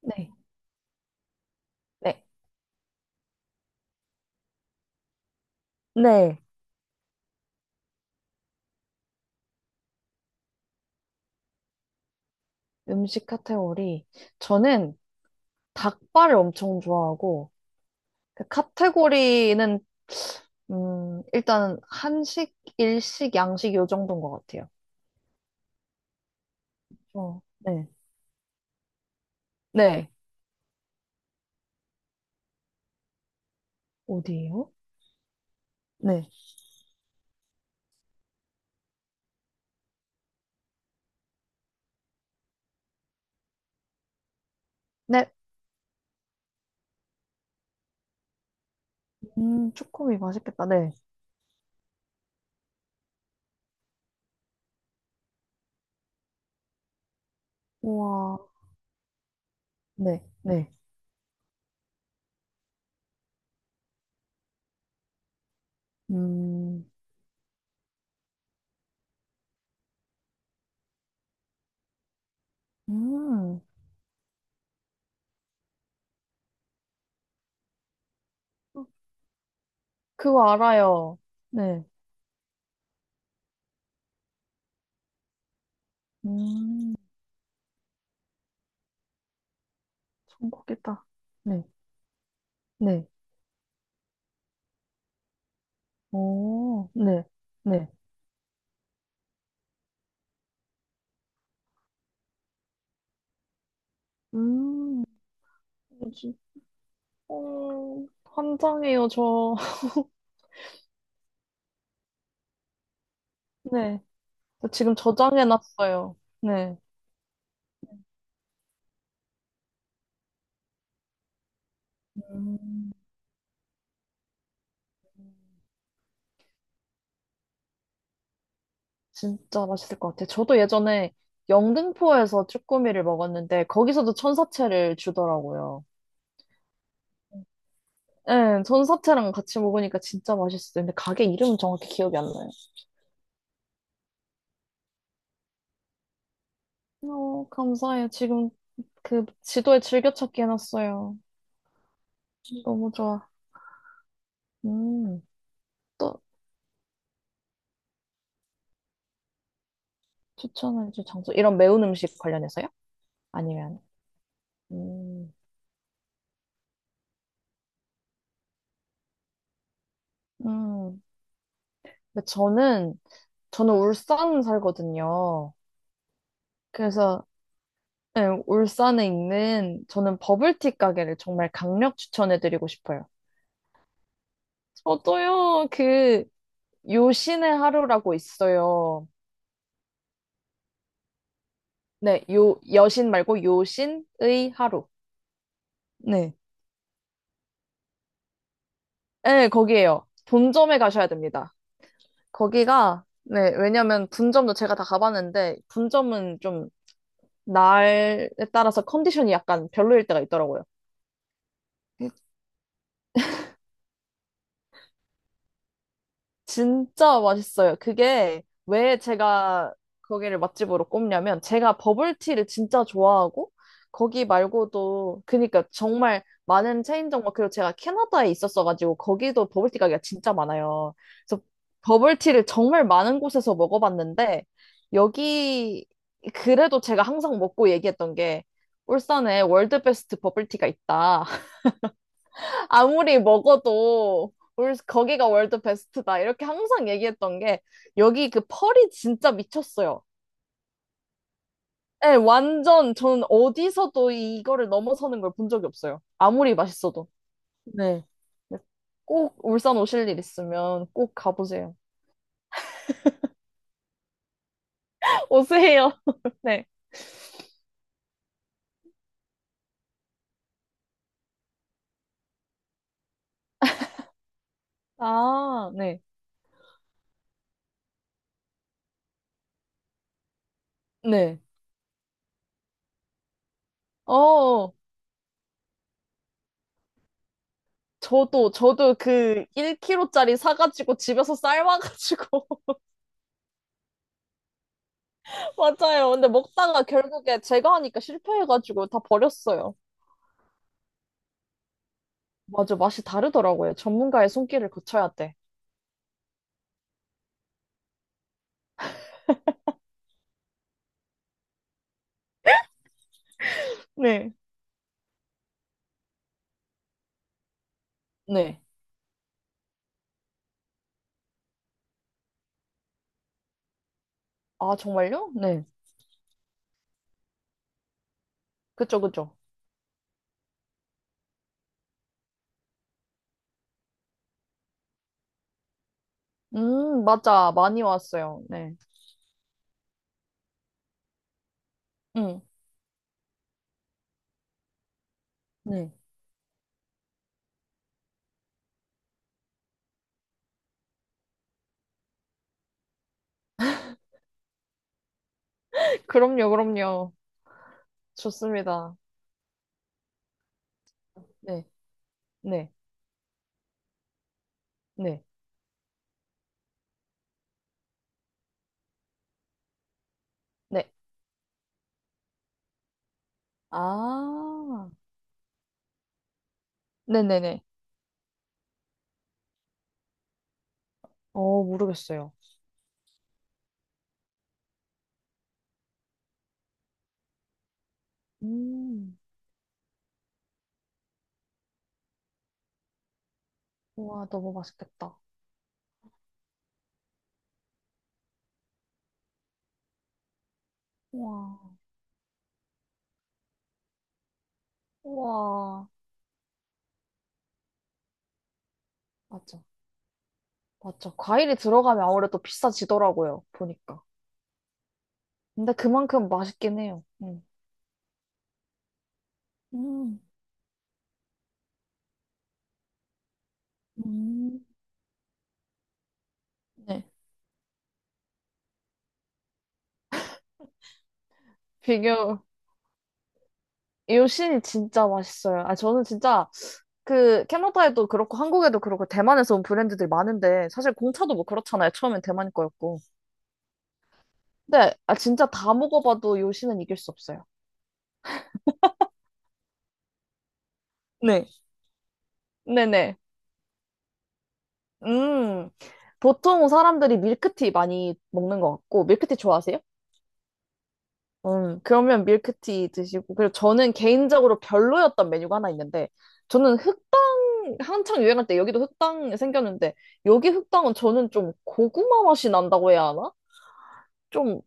네. 네. 네. 음식 카테고리. 저는 닭발을 엄청 좋아하고, 그 카테고리는, 일단 한식, 일식, 양식 요 정도인 것 같아요. 어, 네. 네. 어디예요? 네. 네. 쭈꾸미 맛있겠다. 네. 우와. 네. 네. 음, 음. 그거 알아요. 네. 음, 전국이다. 네. 네. 오, 네. 네. 음, 뭐지? 환장해요, 저. 네. 저 지금 저장해놨어요. 네. 음. 진짜 맛있을 것 같아요. 저도 예전에 영등포에서 쭈꾸미를 먹었는데, 거기서도 천사채를 주더라고요. 네, 천사채랑 같이 먹으니까 진짜 맛있어요. 근데 가게 이름은 정확히 기억이 안 나요. 어, 감사해요. 지금 그 지도에 즐겨찾기 해놨어요. 너무 좋아. 음, 또 추천해줄 장소. 이런 매운 음식 관련해서요? 아니면, 음, 음. 근데 저는 울산 살거든요. 그래서, 네, 울산에 있는, 저는 버블티 가게를 정말 강력 추천해드리고 싶어요. 저도요, 요신의 하루라고 있어요. 네, 여신 말고 요신의 하루. 네. 네, 거기에요. 본점에 가셔야 됩니다. 거기가, 네, 왜냐면 분점도 제가 다 가봤는데, 분점은 좀 날에 따라서 컨디션이 약간 별로일 때가 있더라고요. 진짜 맛있어요. 그게 왜 제가 거기를 맛집으로 꼽냐면 제가 버블티를 진짜 좋아하고 거기 말고도 그니까 정말 많은 체인점 그리고 제가 캐나다에 있었어가지고 거기도 버블티 가게가 진짜 많아요. 그래서 버블티를 정말 많은 곳에서 먹어봤는데 여기 그래도 제가 항상 먹고 얘기했던 게 울산에 월드 베스트 버블티가 있다. 아무리 먹어도 거기가 월드 베스트다. 이렇게 항상 얘기했던 게 여기 그 펄이 진짜 미쳤어요. 네, 완전 저는 어디서도 이거를 넘어서는 걸 본 적이 없어요. 아무리 맛있어도. 네. 네, 꼭 울산 오실 일 있으면 꼭 가보세요. 오세요. 네. 아, 네. 네. 어, 저도 그 1kg짜리 사가지고 집에서 삶아가지고 맞아요. 근데 먹다가 결국에 제가 하니까 실패해가지고 다 버렸어요. 맞아, 맛이 다르더라고요. 전문가의 손길을 거쳐야 돼. 네. 네. 아, 정말요? 네. 그쵸, 그쵸. 맞아. 많이 왔어요. 네. 응. 네. 그럼요, 그럼요. 좋습니다. 네, 네, 네, 네. 아, 네네네. 모르겠어요. 음, 우와, 너무 맛있겠다. 우와, 우와. 맞아. 맞죠. 과일이 들어가면 아무래도 비싸지더라고요. 보니까. 근데 그만큼 맛있긴 해요. 음. 음, 음, 네. 비교. 요신이 진짜 맛있어요. 아, 저는 진짜 그 캐나다에도 그렇고 한국에도 그렇고 대만에서 온 브랜드들이 많은데 사실 공차도 뭐 그렇잖아요. 처음엔 대만 거였고. 근데 아, 진짜 다 먹어봐도 요신은 이길 수 없어요. 네. 네네. 음. 보통 사람들이 밀크티 많이 먹는 것 같고 밀크티 좋아하세요? 그러면 밀크티 드시고, 그리고 저는 개인적으로 별로였던 메뉴가 하나 있는데, 저는 흑당, 한창 유행할 때 여기도 흑당 생겼는데, 여기 흑당은 저는 좀 고구마 맛이 난다고 해야 하나? 좀,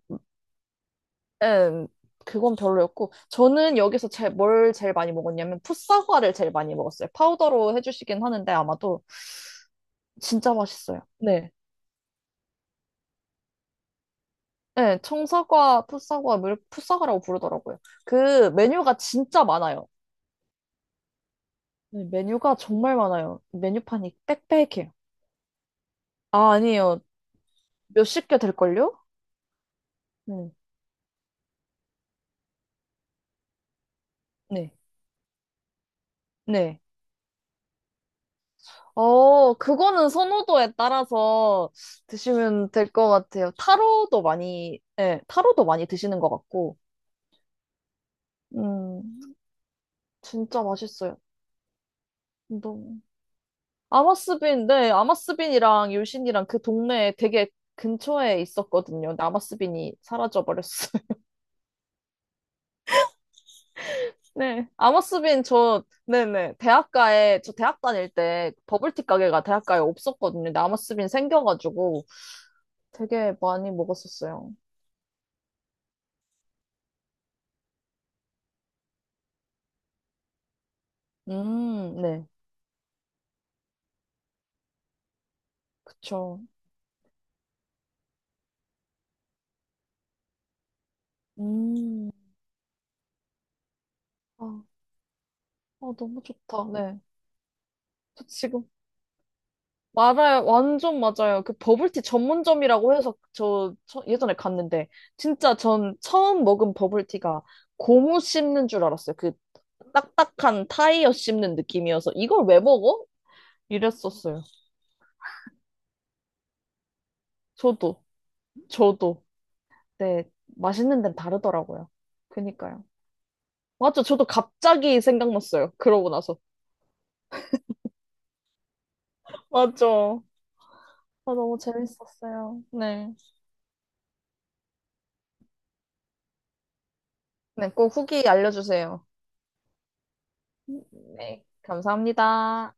음, 그건 별로였고, 저는 여기서 뭘 제일 많이 먹었냐면, 풋사과를 제일 많이 먹었어요. 파우더로 해주시긴 하는데, 아마도 진짜 맛있어요. 네. 네, 청사과, 풋사과, 풋사과라고 부르더라고요. 그 메뉴가 진짜 많아요. 네, 메뉴가 정말 많아요. 메뉴판이 빽빽해요. 아, 아니에요. 몇십 개 될걸요? 네. 네. 네. 그거는 선호도에 따라서 드시면 될 것 같아요. 타로도 많이, 네, 타로도 많이 드시는 것 같고. 음, 진짜 맛있어요. 너무. 아마스빈, 네, 아마스빈이랑 유신이랑 그 동네에 되게 근처에 있었거든요. 근데 아마스빈이 사라져버렸어요. 네. 아머스빈 저 네네 대학가에 저 대학 다닐 때 버블티 가게가 대학가에 없었거든요. 근데 아머스빈 생겨가지고 되게 많이 먹었었어요. 네. 그쵸. 음. 아, 아, 너무 좋다. 네. 저 지금 말아요. 완전 맞아요. 그 버블티 전문점이라고 해서 예전에 갔는데 진짜 전 처음 먹은 버블티가 고무 씹는 줄 알았어요. 그 딱딱한 타이어 씹는 느낌이어서 이걸 왜 먹어? 이랬었어요. 저도, 저도. 네, 맛있는 데는 다르더라고요. 그니까요. 맞죠? 저도 갑자기 생각났어요. 그러고 나서. 맞죠. 아, 너무 재밌었어요. 네. 네, 꼭 후기 알려주세요. 네, 감사합니다.